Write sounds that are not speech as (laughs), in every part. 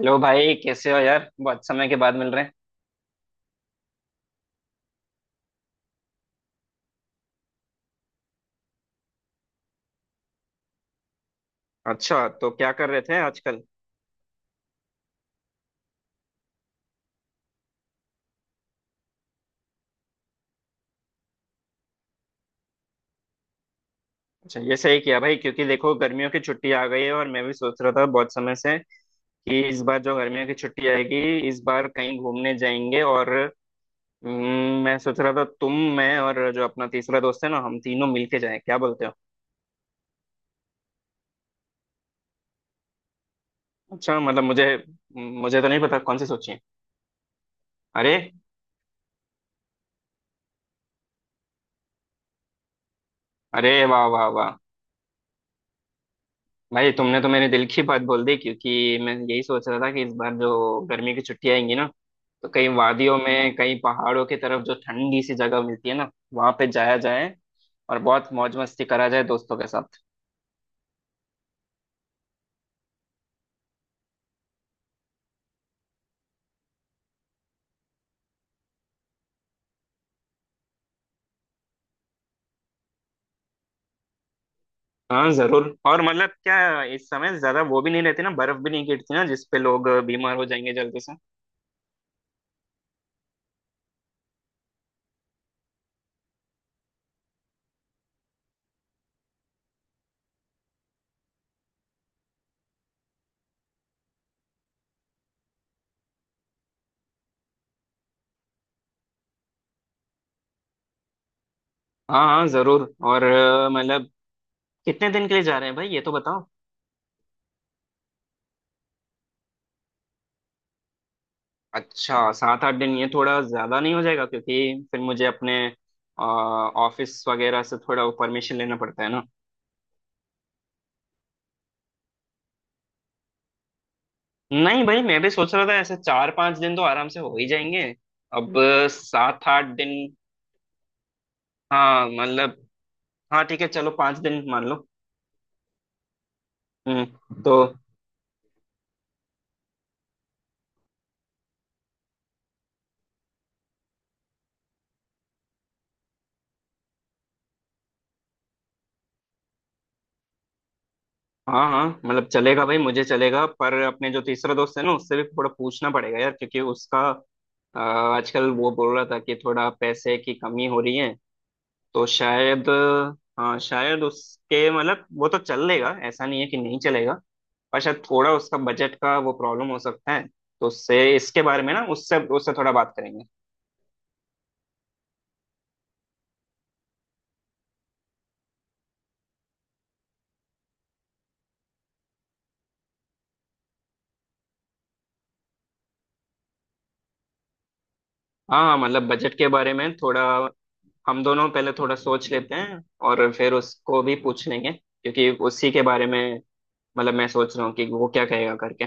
Hello भाई, कैसे हो यार? बहुत समय के बाद मिल रहे हैं। अच्छा, तो क्या कर रहे थे आजकल? अच्छा, ये सही किया भाई, क्योंकि देखो गर्मियों की छुट्टी आ गई है। और मैं भी सोच रहा था बहुत समय से कि इस बार जो गर्मियों की छुट्टी आएगी, इस बार कहीं घूमने जाएंगे। और मैं सोच रहा था तुम, मैं और जो अपना तीसरा दोस्त है ना, हम तीनों मिलके जाएं। क्या बोलते हो? अच्छा, मतलब मुझे मुझे तो नहीं पता कौन सी सोची है। अरे! अरे वाह वाह वाह! भाई, तुमने तो मेरे दिल की बात बोल दी, क्योंकि मैं यही सोच रहा था कि इस बार जो गर्मी की छुट्टियां आएंगी ना, तो कहीं वादियों में, कहीं पहाड़ों की तरफ जो ठंडी सी जगह मिलती है ना, वहां पे जाया जाए और बहुत मौज मस्ती करा जाए दोस्तों के साथ। हाँ जरूर। और मतलब क्या, इस समय ज्यादा वो भी नहीं रहती ना, बर्फ भी नहीं गिरती ना, जिसपे लोग बीमार हो जाएंगे जल्दी से। हाँ हाँ जरूर। और मतलब कितने दिन के लिए जा रहे हैं भाई, ये तो बताओ। अच्छा, सात आठ दिन ये थोड़ा ज्यादा नहीं हो जाएगा? क्योंकि फिर मुझे अपने ऑफिस वगैरह से थोड़ा परमिशन लेना पड़ता है ना। नहीं भाई, मैं भी सोच रहा था ऐसे चार पांच दिन तो आराम से हो ही जाएंगे। अब सात आठ दिन। हाँ मतलब, हाँ ठीक है, चलो पांच दिन मान लो। हम्म। तो हाँ हाँ, मतलब चलेगा भाई, मुझे चलेगा। पर अपने जो तीसरा दोस्त है ना, उससे भी थोड़ा पूछना पड़ेगा यार, क्योंकि उसका आजकल वो बोल रहा था कि थोड़ा पैसे की कमी हो रही है। तो शायद, हाँ शायद उसके, मतलब वो तो चल लेगा, ऐसा नहीं है कि नहीं चलेगा, पर शायद थोड़ा उसका बजट का वो प्रॉब्लम हो सकता है। तो उससे इसके बारे में ना, उससे उससे थोड़ा बात करेंगे। हाँ हाँ, मतलब बजट के बारे में थोड़ा हम दोनों पहले थोड़ा सोच लेते हैं और फिर उसको भी पूछ लेंगे, क्योंकि उसी के बारे में मतलब मैं सोच रहा हूँ कि वो क्या कहेगा करके।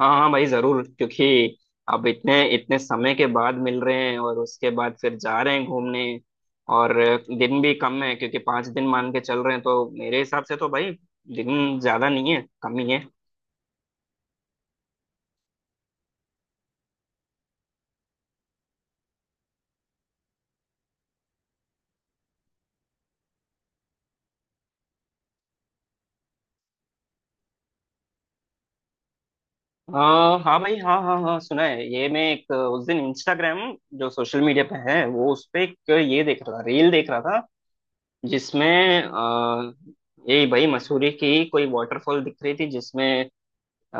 हाँ हाँ भाई जरूर, क्योंकि अब इतने इतने समय के बाद मिल रहे हैं और उसके बाद फिर जा रहे हैं घूमने। और दिन भी कम है, क्योंकि पांच दिन मान के चल रहे हैं, तो मेरे हिसाब से तो भाई, दिन ज्यादा नहीं है, कम ही है। हाँ भाई, हाँ हाँ हाँ, सुना है। ये मैं एक उस दिन इंस्टाग्राम, जो सोशल मीडिया पे है, वो उस पे एक ये देख रहा था, रील देख रहा था, जिसमें यही भाई मसूरी की कोई वाटरफॉल दिख रही थी, जिसमें अ,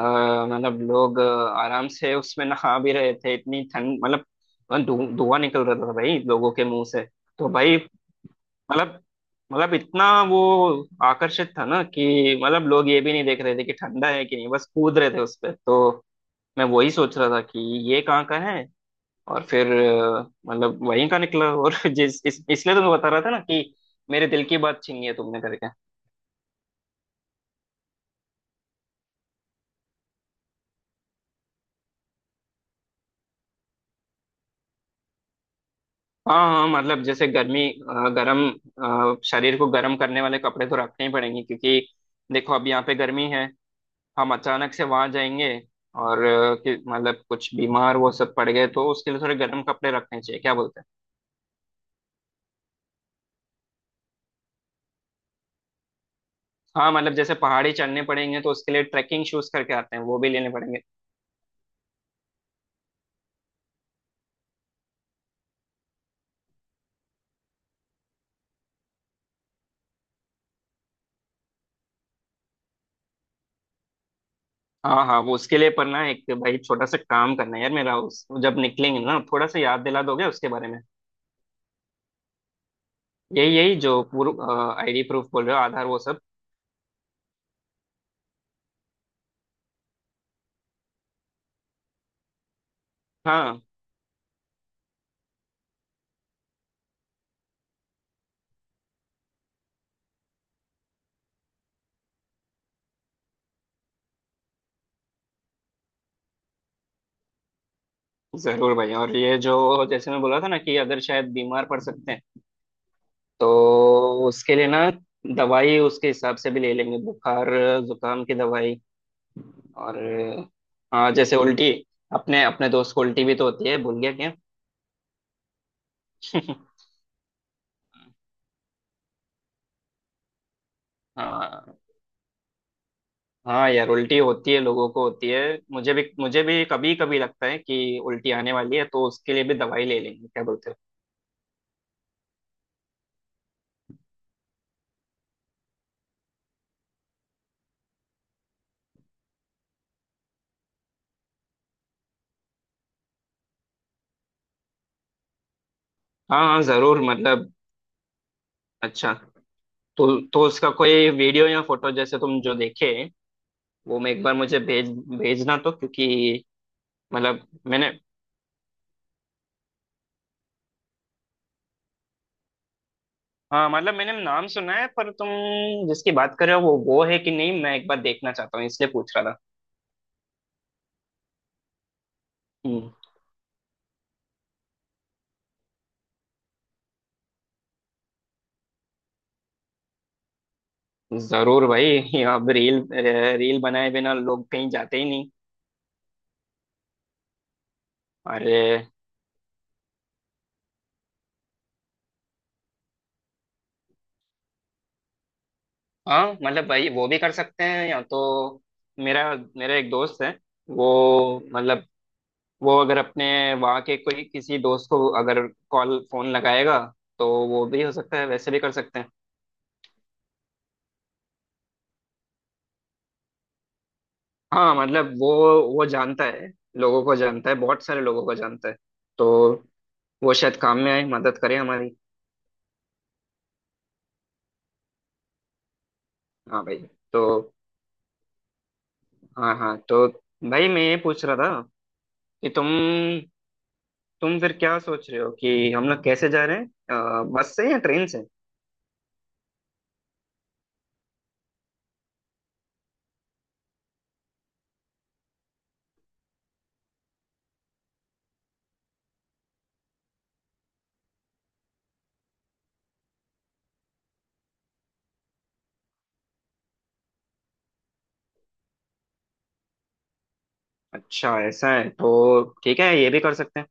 मतलब लोग आराम से उसमें नहा भी रहे थे। इतनी ठंड मतलब, धुआं निकल रहा था भाई लोगों के मुंह से। तो भाई, मतलब मतलब इतना वो आकर्षित था ना, कि मतलब लोग ये भी नहीं देख रहे थे कि ठंडा है कि नहीं, बस कूद रहे थे उस पे। तो मैं वही सोच रहा था कि ये कहाँ का है, और फिर मतलब वहीं का निकला। और (laughs) इसलिए तो मैं बता रहा था ना कि मेरे दिल की बात छीनी है तुमने करके। हाँ हाँ, मतलब जैसे गर्मी अ, गरम अ, शरीर को गर्म करने वाले कपड़े तो रखने ही पड़ेंगे, क्योंकि देखो अब यहाँ पे गर्मी है। हम अचानक से वहां जाएंगे और मतलब कुछ बीमार वो सब पड़ गए, तो उसके लिए थोड़े गर्म कपड़े रखने चाहिए। क्या बोलते हैं? हाँ मतलब, जैसे पहाड़ी चढ़ने पड़ेंगे, तो उसके लिए ट्रैकिंग शूज करके आते हैं, वो भी लेने पड़ेंगे। हाँ हाँ, वो उसके लिए। पर ना, एक भाई छोटा सा काम करना है यार मेरा, उस जब निकलेंगे ना, थोड़ा सा याद दिला दोगे उसके बारे में। यही यही, जो पूर्व आईडी प्रूफ बोल रहे हो, आधार वो सब। हाँ जरूर भाई। और ये जो, जैसे मैं बोला था ना कि अगर शायद बीमार पड़ सकते हैं, तो उसके लिए ना दवाई उसके हिसाब से भी ले लेंगे। बुखार जुकाम की दवाई। और हाँ, जैसे उल्टी, अपने अपने दोस्त को उल्टी भी तो होती है, भूल गया क्या? (laughs) हाँ हाँ यार, उल्टी होती है, लोगों को होती है। मुझे भी, मुझे भी कभी कभी लगता है कि उल्टी आने वाली है, तो उसके लिए भी दवाई ले लेंगे। क्या बोलते हो? हाँ हाँ जरूर मतलब। अच्छा, तो उसका कोई वीडियो या फोटो जैसे तुम जो देखे, वो मैं एक बार, मुझे भेजना तो, क्योंकि मतलब मैंने, हाँ मतलब मैंने नाम सुना है पर तुम जिसकी बात कर रहे हो, वो है कि नहीं, मैं एक बार देखना चाहता हूँ, इसलिए पूछ रहा था। हम्म, जरूर भाई। (laughs) अब रील रील बनाए बिना लोग कहीं जाते ही नहीं। अरे हाँ, मतलब भाई वो भी कर सकते हैं, या तो मेरा मेरा एक दोस्त है। वो मतलब, वो अगर अपने वहाँ के कोई किसी दोस्त को अगर कॉल फोन लगाएगा, तो वो भी हो सकता है, वैसे भी कर सकते हैं। हाँ मतलब, वो जानता है, लोगों को जानता है, बहुत सारे लोगों को जानता है। तो वो शायद काम में आए, मदद करे हमारी। हाँ भाई। तो हाँ हाँ, तो भाई मैं ये पूछ रहा था कि तुम फिर क्या सोच रहे हो, कि हम लोग कैसे जा रहे हैं, बस से या ट्रेन से? अच्छा, ऐसा है तो ठीक है, ये भी कर सकते हैं।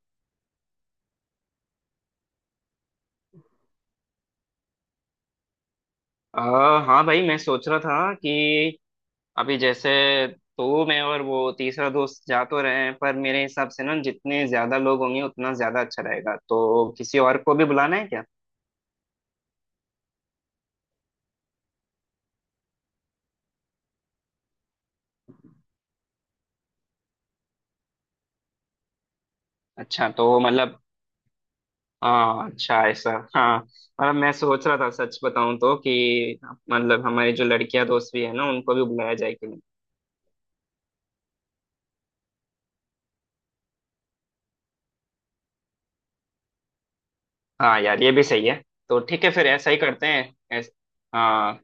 हाँ भाई, मैं सोच रहा था कि अभी जैसे तू, मैं और वो तीसरा दोस्त जा तो रहे हैं, पर मेरे हिसाब से ना जितने ज्यादा लोग होंगे उतना ज्यादा अच्छा रहेगा, तो किसी और को भी बुलाना है क्या? अच्छा तो मतलब, हाँ अच्छा ऐसा, हाँ मतलब, मैं सोच रहा था सच बताऊं तो, कि मतलब हमारी जो लड़कियां दोस्त भी है ना, उनको भी बुलाया जाए कि नहीं? हाँ यार, ये भी सही है। तो ठीक है फिर ऐसा ही करते हैं। हाँ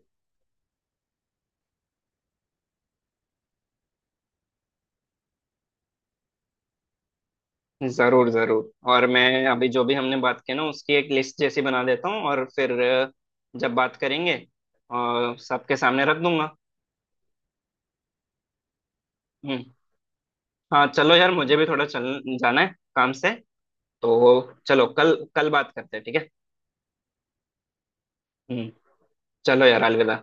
जरूर जरूर, और मैं अभी जो भी हमने बात की ना, उसकी एक लिस्ट जैसी बना देता हूँ और फिर जब बात करेंगे और सबके सामने रख दूंगा। हम्म। हाँ चलो यार, मुझे भी थोड़ा चल जाना है काम से। तो चलो, कल कल बात करते हैं, ठीक है? हम्म। चलो यार, अलविदा।